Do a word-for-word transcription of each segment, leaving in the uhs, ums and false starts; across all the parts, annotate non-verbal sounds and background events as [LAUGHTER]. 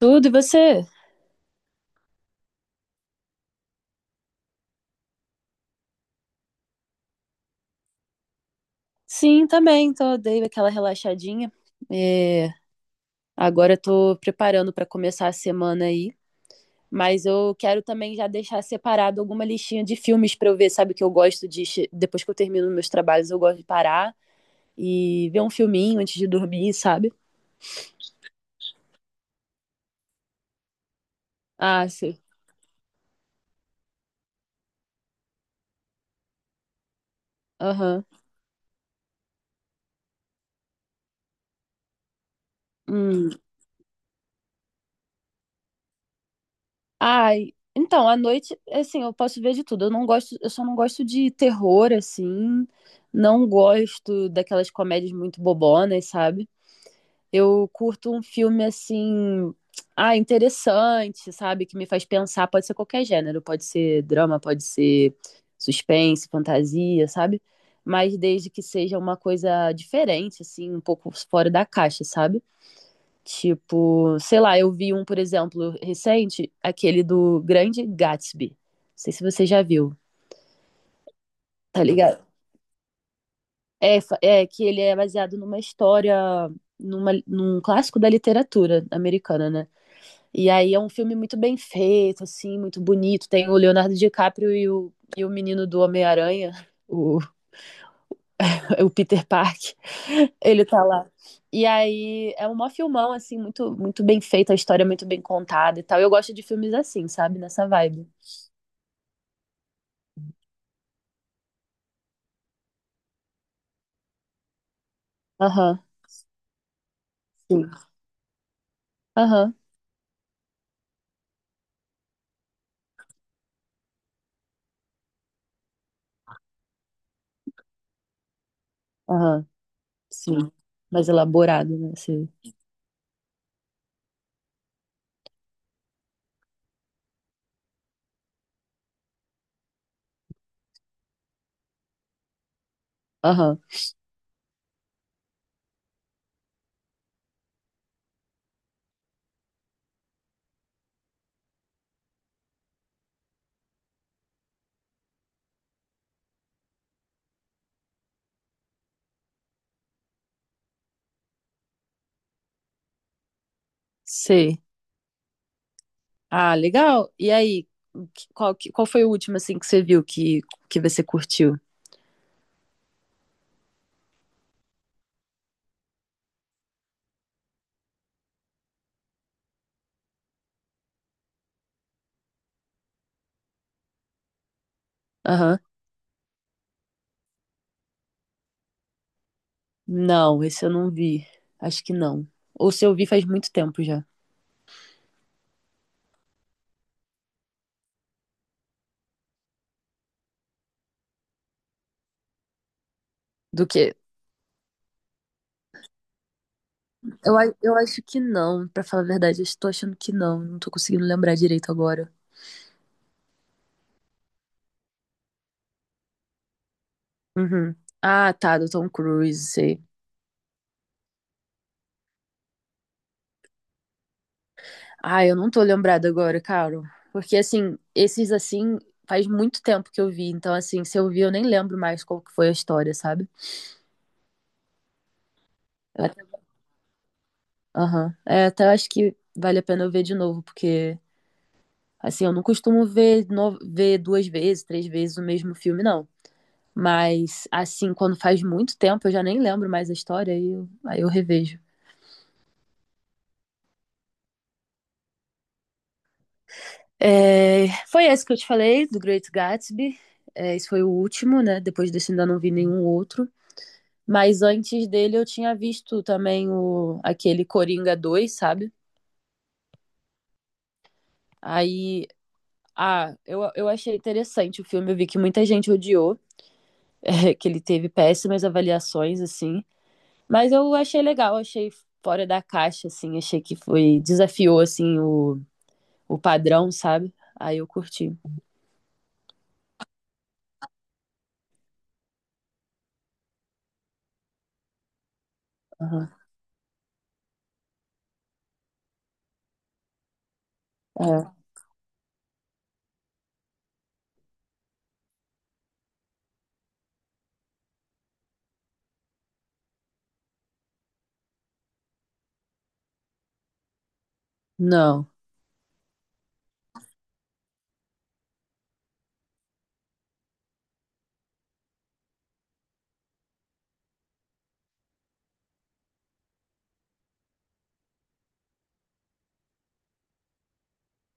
Tudo, e você? Sim, também. Tô, dei aquela relaxadinha. É, agora eu tô preparando para começar a semana aí. Mas eu quero também já deixar separado alguma listinha de filmes para eu ver, sabe? Que eu gosto de. che- Depois que eu termino meus trabalhos, eu gosto de parar e ver um filminho antes de dormir, sabe? Ah, sim. Aham. Hum. Ai. Então, à noite, assim, eu posso ver de tudo. Eu não gosto, eu só não gosto de terror, assim. Não gosto daquelas comédias muito bobonas, sabe? Eu curto um filme assim, ah, interessante, sabe? Que me faz pensar. Pode ser qualquer gênero, pode ser drama, pode ser suspense, fantasia, sabe? Mas desde que seja uma coisa diferente, assim, um pouco fora da caixa, sabe? Tipo, sei lá, eu vi um, por exemplo, recente, aquele do Grande Gatsby. Não sei se você já viu, tá ligado? É, fa- é que ele é baseado numa história, numa, num clássico da literatura americana, né? E aí é um filme muito bem feito, assim, muito bonito. Tem o Leonardo DiCaprio e o, e o menino do Homem-Aranha, o, [LAUGHS] o Peter Park. Ele tá lá. E aí é um mó filmão, assim, muito, muito bem feito, a história é muito bem contada e tal. Eu gosto de filmes assim, sabe? Nessa vibe. Aham, sim. Aham, aham, sim. Mais elaborado, né? Sim. Aham, sei. Ah, legal. E aí, que- qual, que- qual foi o último, assim, que você viu que, que você curtiu? Aham. Não, esse eu não vi. Acho que não. Ou se eu vi faz muito tempo já. Do que? Eu, a- eu acho que não, pra falar a verdade. Eu estou achando que não. Não tô conseguindo lembrar direito agora. Uhum. Ah, tá, do Tom Cruise, sei. Ah, eu não tô lembrada agora, Carol. Porque, assim, esses, assim, faz muito tempo que eu vi. Então, assim, se eu vi, eu nem lembro mais qual que foi a história, sabe? Eu até- Aham. É, até acho que vale a pena eu ver de novo, porque, assim, eu não costumo ver, no... ver duas vezes, três vezes o mesmo filme, não. Mas, assim, quando faz muito tempo, eu já nem lembro mais a história, aí eu, aí eu revejo. É, foi esse que eu te falei, do Great Gatsby. É, esse foi o último, né? Depois desse ainda não vi nenhum outro. Mas antes dele eu tinha visto também o, aquele Coringa dois sabe? Aí, ah, eu, eu achei interessante o filme. Eu vi que muita gente odiou, [LAUGHS] eh, que ele teve péssimas avaliações, assim. Mas eu achei legal, achei fora da caixa, assim. Achei que foi, desafiou, assim, o o padrão, sabe? Aí eu curti. Aham. É. Não.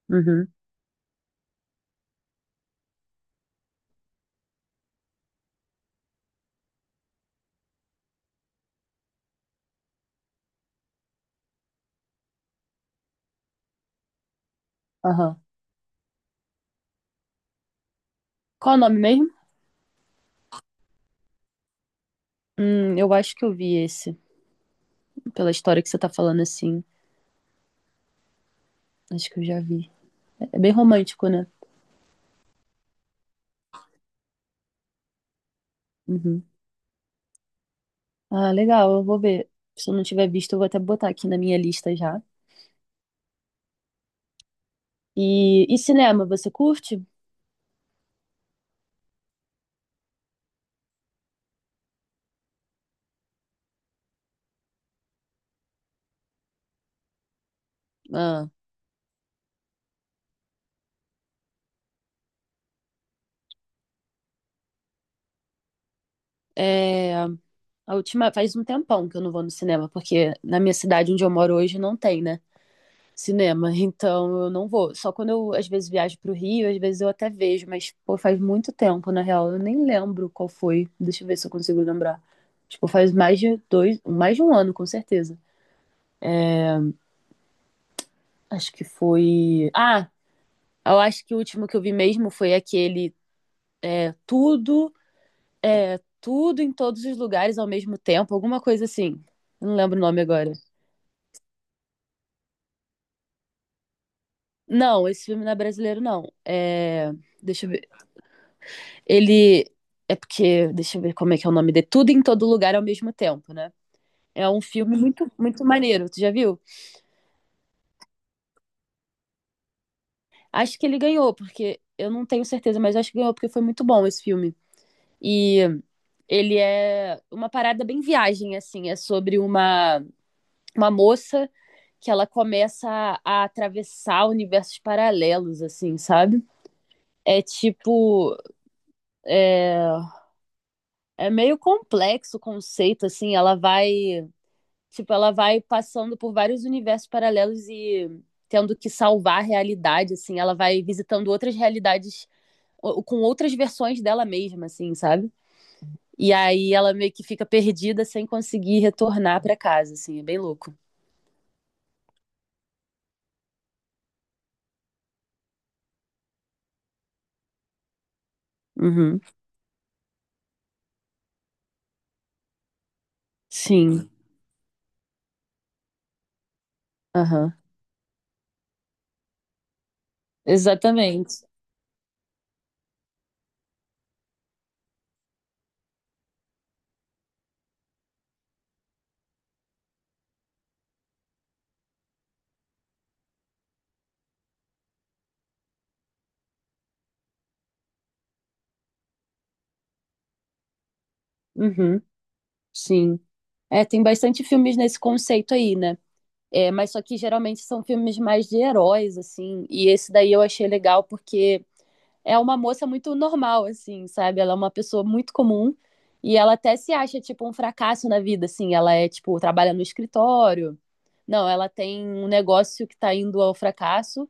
Uhum. Aham. Qual o nome mesmo? Hum, eu acho que eu vi esse. Pela história que você tá falando assim. Acho que eu já vi. É é bem romântico, né? Uhum. Ah, legal, eu vou ver. Se eu não tiver visto, eu vou até botar aqui na minha lista já. E, e cinema, você curte? Ah, é, a última, faz um tempão que eu não vou no cinema, porque na minha cidade onde eu moro hoje não tem, né? Cinema, então eu não vou. Só quando eu às vezes viajo pro Rio, às vezes eu até vejo, mas pô, faz muito tempo, na real, eu nem lembro qual foi. Deixa eu ver se eu consigo lembrar. Tipo, faz mais de dois, mais de um ano, com certeza. Acho que foi. Ah, eu acho que o último que eu vi mesmo foi aquele é, Tudo, é, Tudo em Todos os Lugares ao mesmo tempo, alguma coisa assim. Eu não lembro o nome agora. Não, esse filme não é brasileiro, não. É... Deixa eu Ele é porque, deixa eu ver como é que é o nome dele. Tudo em todo lugar ao mesmo tempo, né? É um filme muito, muito maneiro. Tu já viu? Acho que ele ganhou, porque eu não tenho certeza, mas acho que ganhou porque foi muito bom esse filme. E ele é uma parada bem viagem, assim. É sobre uma, uma moça que ela começa a, a atravessar universos paralelos, assim, sabe? É tipo. É, é meio complexo o conceito, assim. Ela vai Tipo, ela vai passando por vários universos paralelos e tendo que salvar a realidade, assim. Ela vai visitando outras realidades ou com outras versões dela mesma, assim, sabe? E aí ela meio que fica perdida sem conseguir retornar pra casa, assim. É bem louco. Uhum. Sim. Aham. Exatamente. Uhum. Sim. É, tem bastante filmes nesse conceito aí, né? É, mas só que geralmente são filmes mais de heróis, assim. E esse daí eu achei legal porque é uma moça muito normal, assim, sabe? Ela é uma pessoa muito comum e ela até se acha, tipo, um fracasso na vida, assim. Ela é, tipo, trabalha no escritório. Não, ela tem um negócio que tá indo ao fracasso,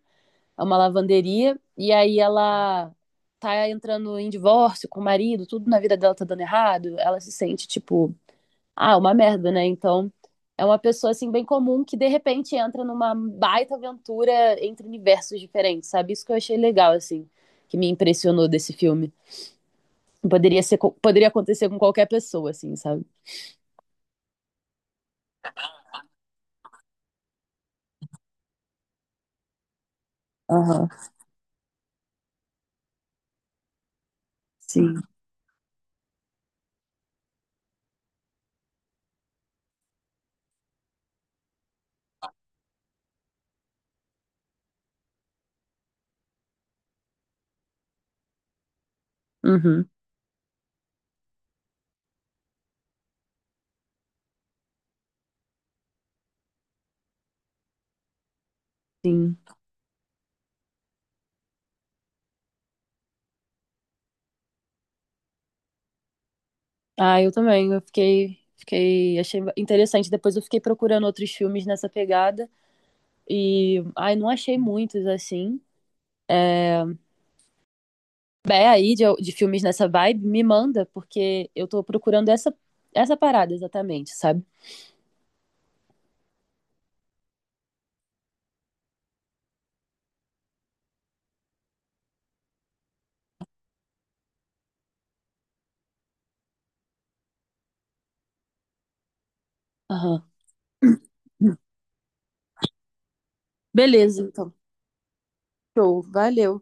é uma lavanderia, e aí ela tá entrando em divórcio com o marido, tudo na vida dela tá dando errado. Ela se sente, tipo, ah, é uma merda, né? Então, é uma pessoa assim bem comum que de repente entra numa baita aventura entre universos diferentes, sabe? Isso que eu achei legal assim, que me impressionou desse filme. Poderia ser, co- poderia acontecer com qualquer pessoa assim, sabe? Aham, sim. Uhum, sim. Ah, eu também, eu fiquei Fiquei, achei interessante. Depois eu fiquei procurando outros filmes nessa pegada e, ai, não achei muitos assim. Souber aí de, de filmes nessa vibe, me manda, porque eu tô procurando essa, essa parada exatamente, sabe? Aham. Beleza, então. Show, valeu.